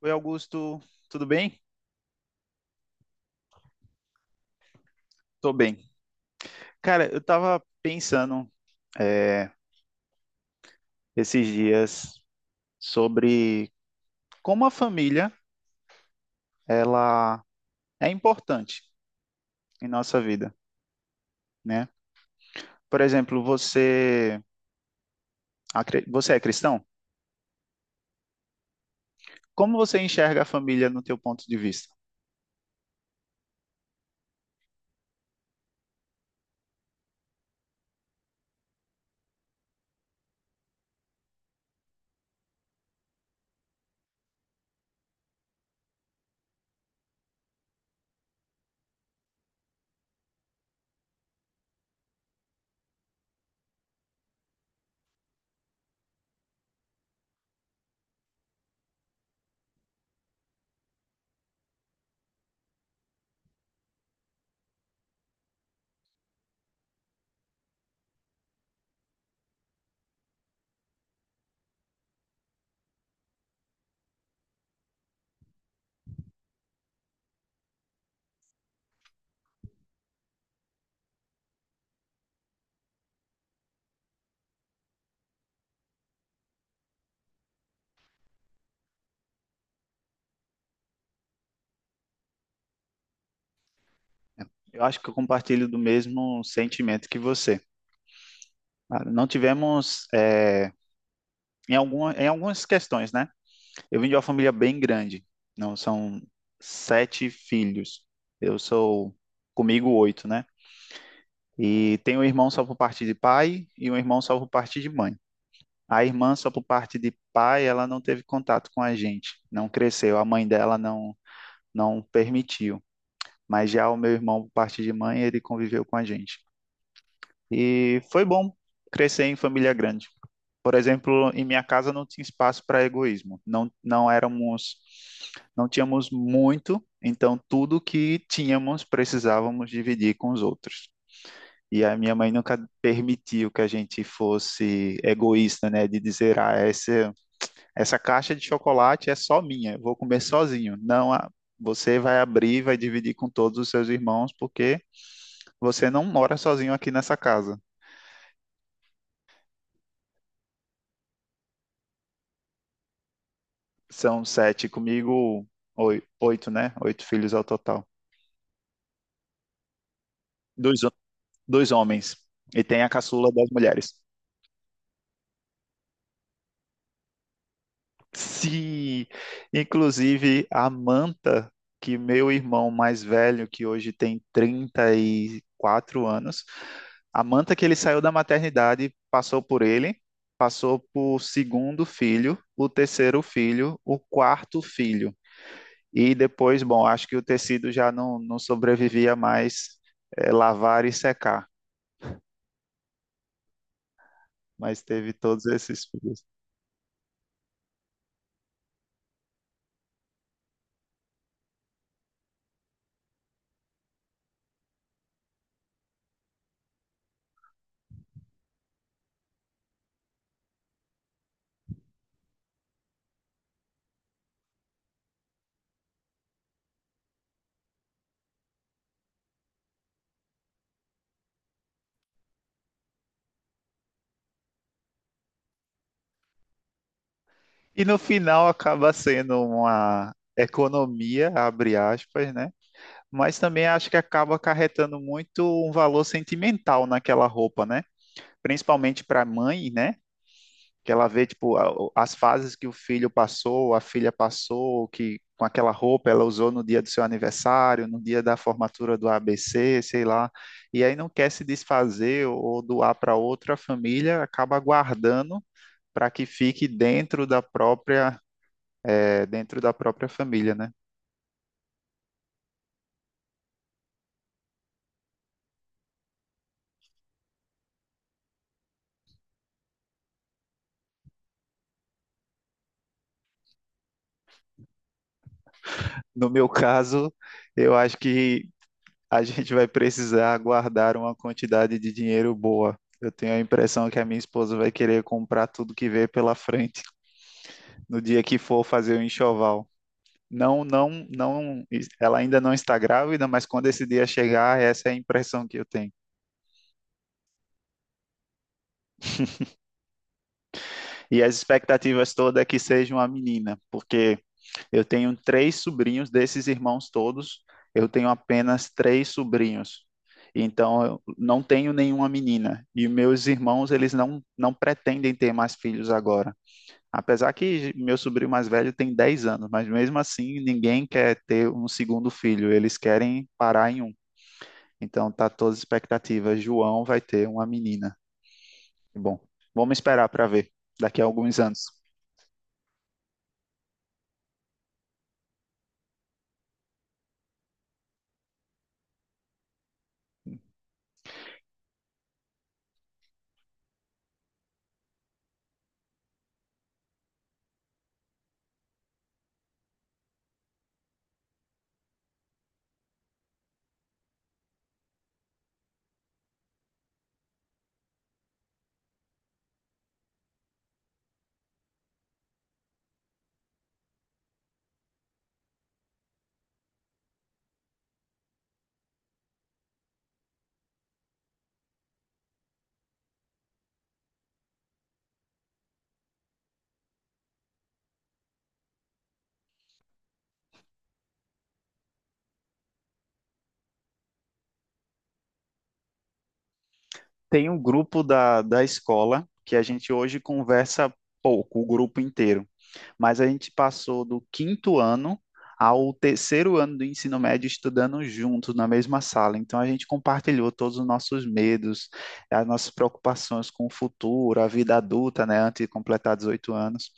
Oi, Augusto, tudo bem? Tô bem. Cara, eu tava pensando é, esses dias sobre como a família ela é importante em nossa vida, né? Por exemplo, você, você é cristão? Como você enxerga a família no teu ponto de vista? Eu acho que eu compartilho do mesmo sentimento que você. Ah, não tivemos, em alguma, em algumas questões, né? Eu vim de uma família bem grande. Não, são sete filhos. Eu sou comigo oito, né? E tenho um irmão só por parte de pai e um irmão só por parte de mãe. A irmã só por parte de pai, ela não teve contato com a gente, não cresceu. A mãe dela não permitiu. Mas já o meu irmão por parte de mãe, ele conviveu com a gente. E foi bom crescer em família grande. Por exemplo, em minha casa não tinha espaço para egoísmo. Não, não éramos, não tínhamos muito, então tudo que tínhamos precisávamos dividir com os outros. E a minha mãe nunca permitiu que a gente fosse egoísta, né? De dizer, ah, essa caixa de chocolate é só minha, eu vou comer sozinho. Não, você vai abrir, vai dividir com todos os seus irmãos, porque você não mora sozinho aqui nessa casa. São sete comigo, oito, né? Oito filhos ao total. Dois, dois homens. E tem a caçula das mulheres. Se, inclusive, a Manta, que meu irmão mais velho, que hoje tem 34 anos, a Manta que ele saiu da maternidade, passou por ele, passou por segundo filho, o terceiro filho, o quarto filho. E depois, bom, acho que o tecido já não sobrevivia mais lavar e secar, mas teve todos esses fios. E no final acaba sendo uma economia, abre aspas, né? Mas também acho que acaba acarretando muito um valor sentimental naquela roupa, né? Principalmente para a mãe, né? Que ela vê tipo as fases que o filho passou, a filha passou, que com aquela roupa ela usou no dia do seu aniversário, no dia da formatura do ABC, sei lá, e aí não quer se desfazer ou doar para outra família, acaba guardando para que fique dentro da própria dentro da própria família, né? No meu caso, eu acho que a gente vai precisar guardar uma quantidade de dinheiro boa. Eu tenho a impressão que a minha esposa vai querer comprar tudo que vê pela frente no dia que for fazer o enxoval. Não, não, não, ela ainda não está grávida, mas quando esse dia chegar, essa é a impressão que eu tenho. E as expectativas todas é que seja uma menina, porque eu tenho três sobrinhos desses irmãos todos, eu tenho apenas três sobrinhos. Então, eu não tenho nenhuma menina. E meus irmãos, eles não pretendem ter mais filhos agora. Apesar que meu sobrinho mais velho tem 10 anos, mas mesmo assim, ninguém quer ter um segundo filho. Eles querem parar em um. Então, tá todas as expectativas. João vai ter uma menina. Bom, vamos esperar para ver daqui a alguns anos. Tem um grupo da escola que a gente hoje conversa pouco, o grupo inteiro, mas a gente passou do quinto ano ao terceiro ano do ensino médio estudando juntos na mesma sala. Então a gente compartilhou todos os nossos medos, as nossas preocupações com o futuro, a vida adulta, né, antes de completar 18 anos.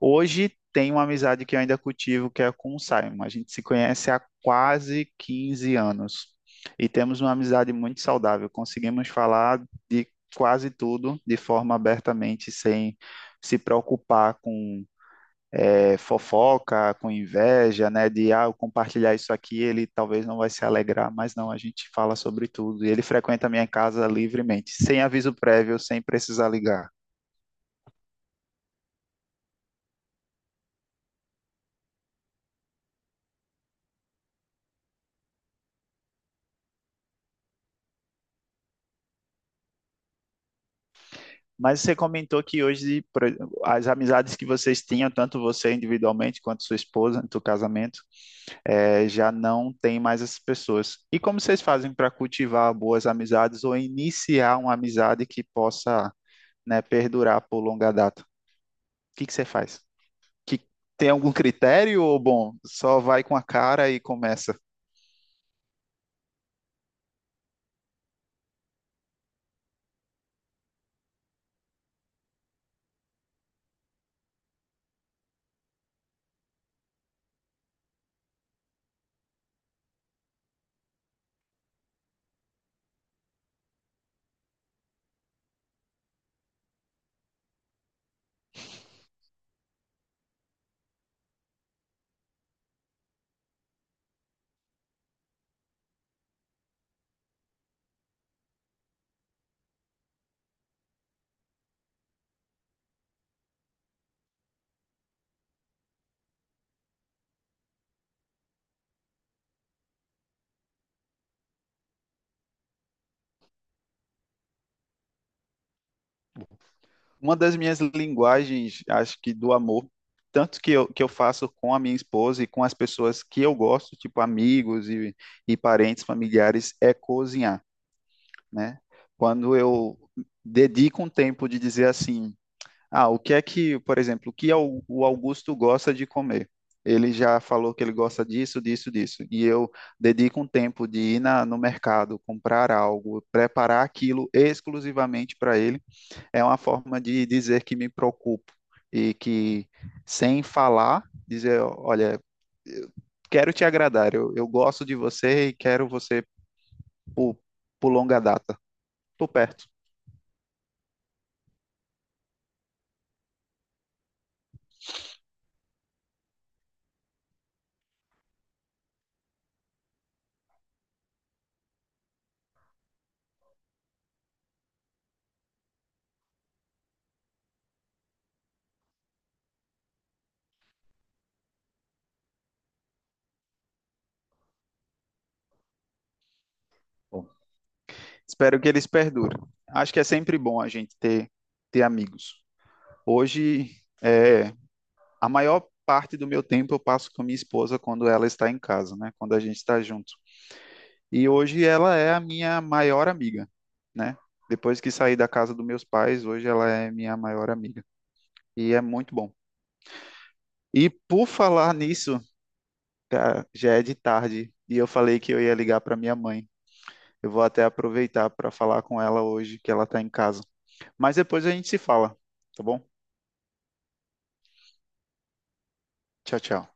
Hoje tem uma amizade que eu ainda cultivo, que é com o Simon. A gente se conhece há quase 15 anos e temos uma amizade muito saudável. Conseguimos falar de quase tudo de forma abertamente, sem se preocupar com fofoca, com inveja, né? De ah, eu compartilhar isso aqui, ele talvez não vai se alegrar, mas não, a gente fala sobre tudo. E ele frequenta a minha casa livremente, sem aviso prévio, sem precisar ligar. Mas você comentou que hoje por exemplo, as amizades que vocês tinham, tanto você individualmente quanto sua esposa, no seu casamento, já não tem mais essas pessoas. E como vocês fazem para cultivar boas amizades ou iniciar uma amizade que possa, né, perdurar por longa data? O que que você faz? Que tem algum critério ou bom, só vai com a cara e começa? Uma das minhas linguagens, acho que do amor, tanto que que eu faço com a minha esposa e com as pessoas que eu gosto, tipo amigos e parentes, familiares, é cozinhar, né? Quando eu dedico um tempo de dizer assim, ah, o que é que, por exemplo, o que o Augusto gosta de comer? Ele já falou que ele gosta disso, disso, disso. E eu dedico um tempo de ir no mercado, comprar algo, preparar aquilo exclusivamente para ele. É uma forma de dizer que me preocupo e que, sem falar, dizer: olha, quero te agradar, eu gosto de você e quero você por, por longa data. Estou perto. Bom, espero que eles perdurem. Acho que é sempre bom a gente ter, ter amigos. Hoje, a maior parte do meu tempo eu passo com a minha esposa quando ela está em casa, né? Quando a gente está junto. E hoje ela é a minha maior amiga, né? Depois que saí da casa dos meus pais, hoje ela é minha maior amiga. E é muito bom. E por falar nisso, cara, já é de tarde e eu falei que eu ia ligar para minha mãe. Eu vou até aproveitar para falar com ela hoje que ela está em casa. Mas depois a gente se fala, tá bom? Tchau, tchau.